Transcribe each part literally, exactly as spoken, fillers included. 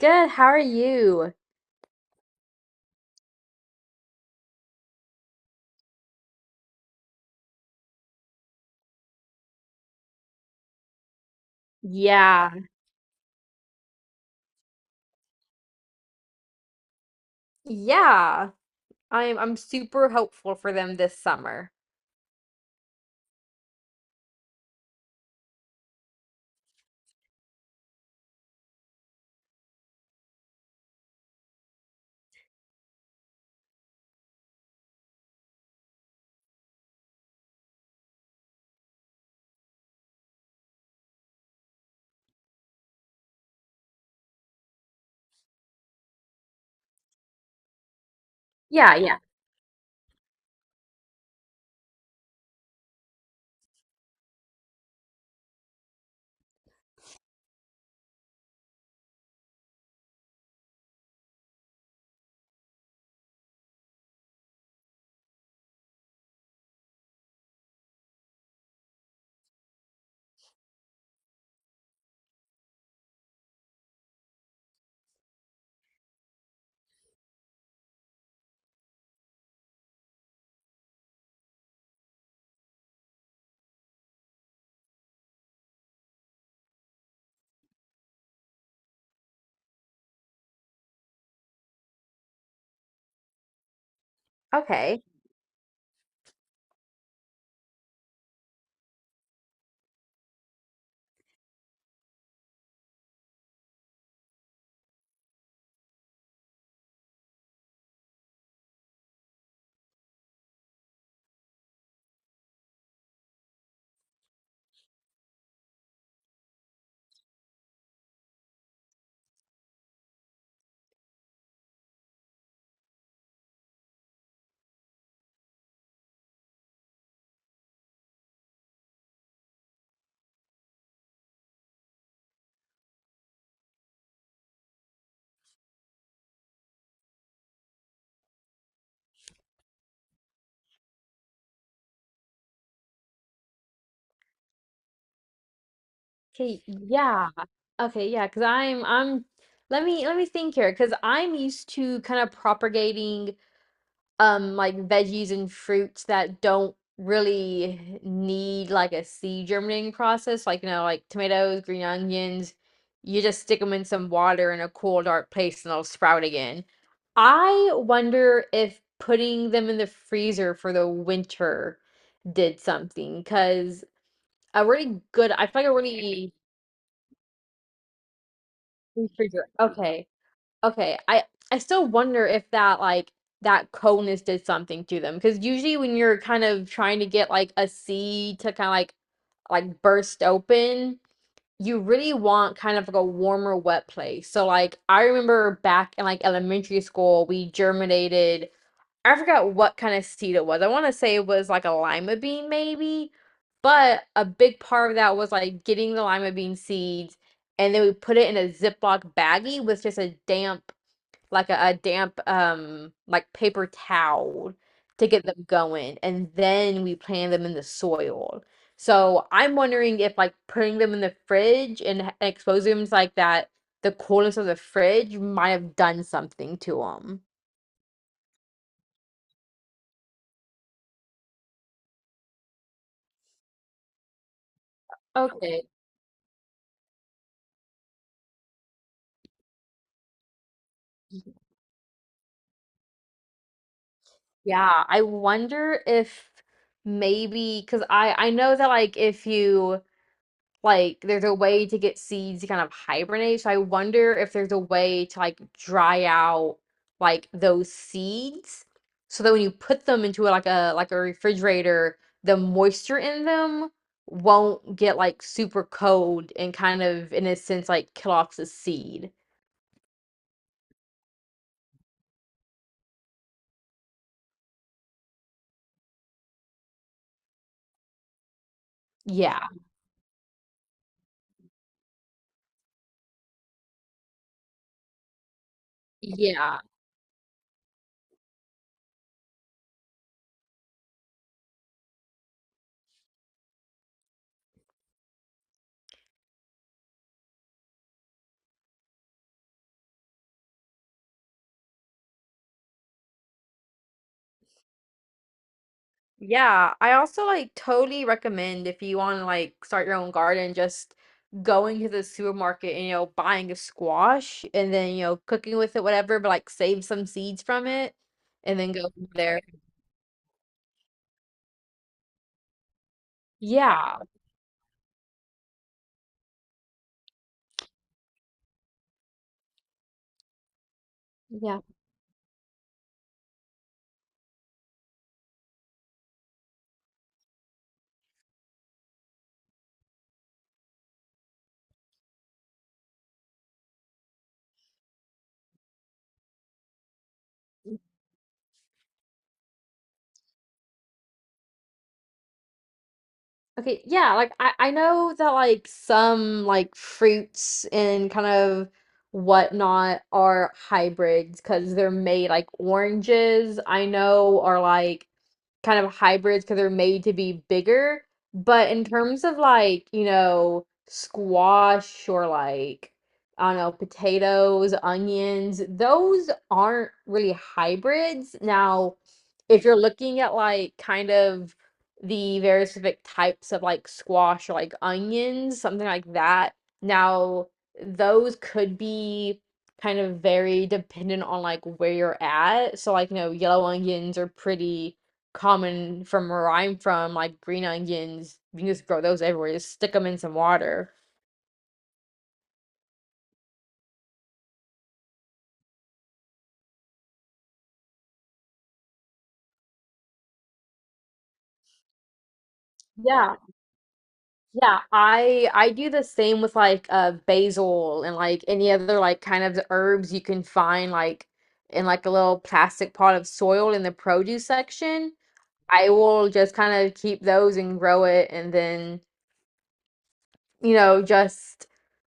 Good, how are you? Yeah, yeah. I'm I'm super hopeful for them this summer. Yeah, yeah. Okay. Okay, yeah. Okay, yeah, 'cause I'm I'm let me let me think here 'cause I'm used to kind of propagating um like veggies and fruits that don't really need like a seed germinating process like you know like tomatoes, green onions. You just stick them in some water in a cool dark place and they'll sprout again. I wonder if putting them in the freezer for the winter did something because a really good, I feel like a really good freezer. Okay. Okay, I I still wonder if that like that coldness did something to them because usually when you're kind of trying to get like a seed to kind of like like burst open, you really want kind of like a warmer, wet place. So like I remember back in like elementary school, we germinated. I forgot what kind of seed it was. I want to say it was like a lima bean maybe, but a big part of that was like getting the lima bean seeds and then we put it in a Ziploc baggie with just a damp, like a, a damp um like paper towel to get them going and then we plant them in the soil. So I'm wondering if like putting them in the fridge and h- exposing them to like that, the coolness of the fridge might have done something to them. Okay. Yeah, I wonder if maybe because i i know that like if you, like there's a way to get seeds to kind of hibernate. So I wonder if there's a way to like dry out like those seeds so that when you put them into like a like a refrigerator, the moisture in them won't get like super cold and kind of in a sense like kill off the seed. Yeah. Yeah. Yeah, I also like totally recommend if you want to like start your own garden, just going to the supermarket and you know buying a squash and then you know cooking with it, whatever, but like save some seeds from it and then go from there. Yeah, yeah. Okay, yeah, like I I know that like some like fruits and kind of whatnot are hybrids because they're made, like oranges I know are like kind of hybrids because they're made to be bigger. But in terms of like, you know, squash or like, I don't know, potatoes, onions, those aren't really hybrids. Now, if you're looking at like kind of the very specific types of like squash or like onions, something like that, now those could be kind of very dependent on like where you're at. So like, you know, yellow onions are pretty common from where I'm from, like green onions. You can just grow those everywhere. Just stick them in some water. Yeah, yeah. I I do the same with like uh basil and like any other like kind of herbs you can find like in like a little plastic pot of soil in the produce section. I will just kind of keep those and grow it and then, you know, just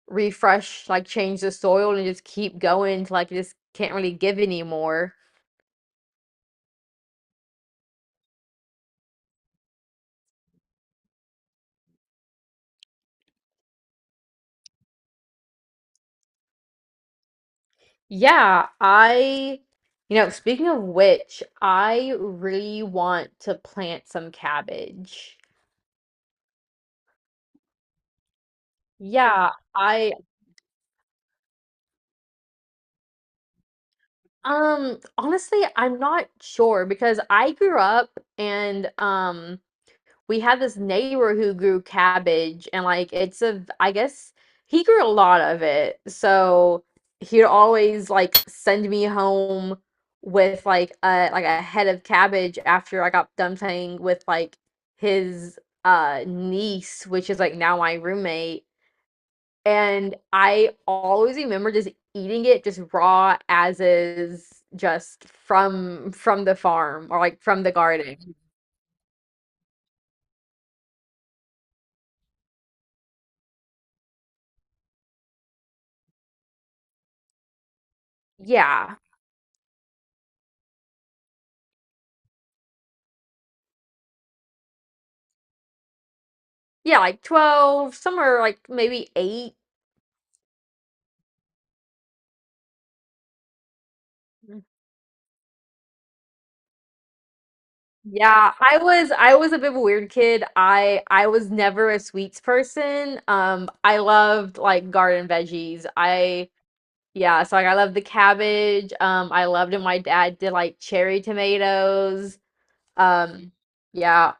refresh, like change the soil and just keep going till like it just can't really give anymore. Yeah, I, you know, speaking of which, I really want to plant some cabbage. Yeah, I, um, honestly, I'm not sure because I grew up and, um, we had this neighbor who grew cabbage and like, it's a, I guess he grew a lot of it. So he'd always like send me home with like a like a head of cabbage after I got done playing with like his uh niece, which is like now my roommate. And I always remember just eating it just raw as is, just from from the farm or like from the garden. Yeah. Yeah, like twelve, somewhere like maybe eight. Yeah, I was I was a bit of a weird kid. I I was never a sweets person. Um, I loved like garden veggies. I, yeah, so like I loved the cabbage. Um, I loved it. My dad did like cherry tomatoes. Um, yeah,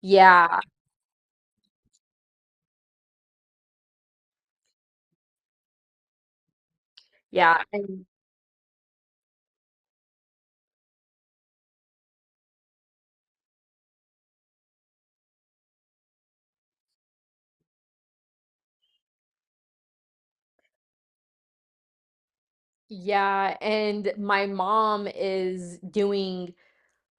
yeah, yeah, and yeah, and my mom is doing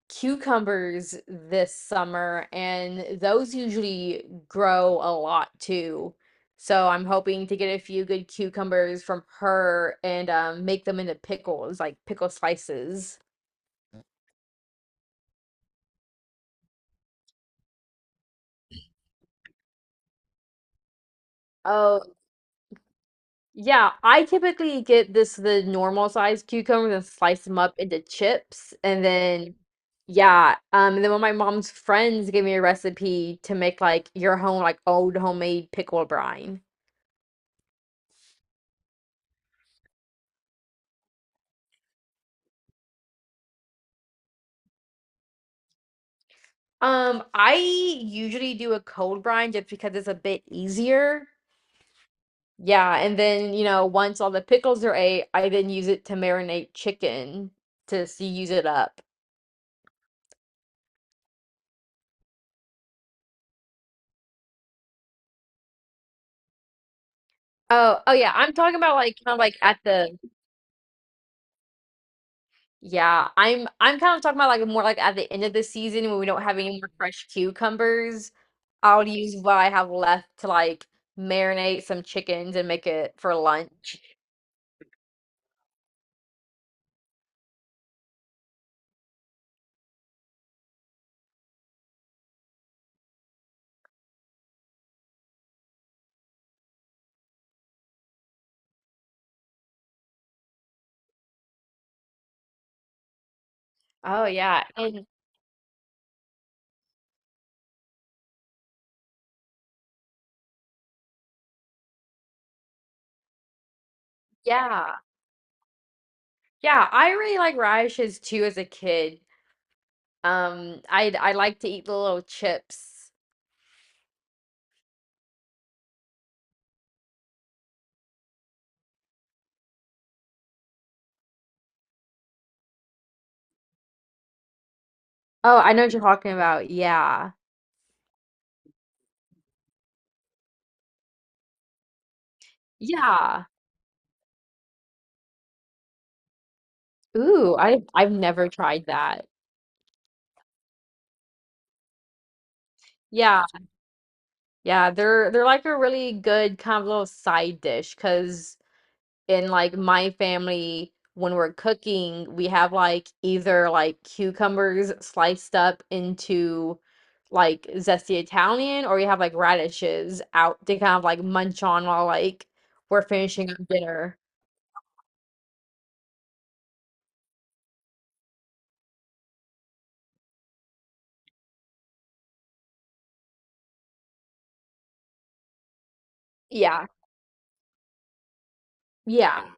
cucumbers this summer, and those usually grow a lot too. So I'm hoping to get a few good cucumbers from her and um, make them into pickles, like pickle slices. Oh, yeah. I typically get this, the normal size cucumbers, and slice them up into chips, and then yeah, um, and then one of my mom's friends gave me a recipe to make like your home, like old homemade pickle brine. Um, I usually do a cold brine just because it's a bit easier. Yeah, and then, you know, once all the pickles are ate, I then use it to marinate chicken to s- use it up. Oh, oh yeah, I'm talking about like kind of like at the, yeah, I'm I'm kind of talking about like more like at the end of the season when we don't have any more fresh cucumbers. I'll use what I have left to like marinate some chickens and make it for lunch. Oh, yeah, and yeah. Yeah, I really like radishes too as a kid. Um, I I like to eat the little chips. Oh, I know what you're talking about. Yeah. Yeah. Ooh, I I've never tried that. Yeah. Yeah, they're they're like a really good kind of little side dish because in like my family when we're cooking we have like either like cucumbers sliced up into like zesty Italian, or you have like radishes out to kind of like munch on while like we're finishing up dinner. Yeah, yeah,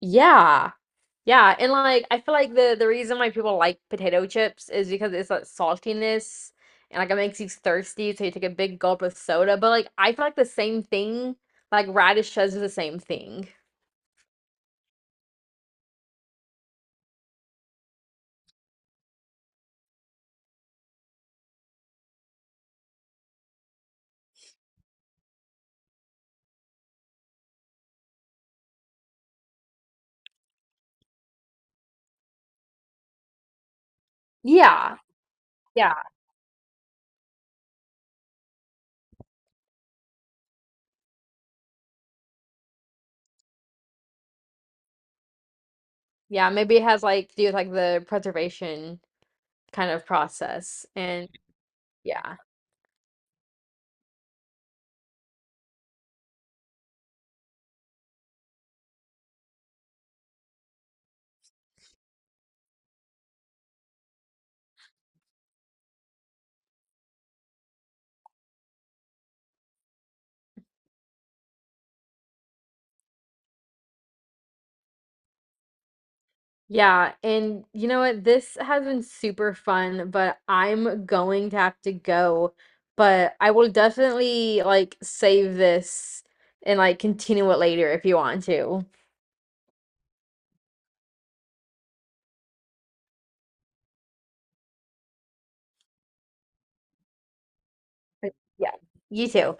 yeah, yeah. And like I feel like the the reason why people like potato chips is because it's like saltiness and like it makes you thirsty so you take a big gulp of soda. But like I feel like the same thing, like radish does the same thing. Yeah, yeah, yeah, maybe it has, like, to do with, like, the preservation kind of process, and yeah, yeah, and you know what? This has been super fun, but I'm going to have to go, but I will definitely, like, save this and, like, continue it later if you want to. But yeah, you too.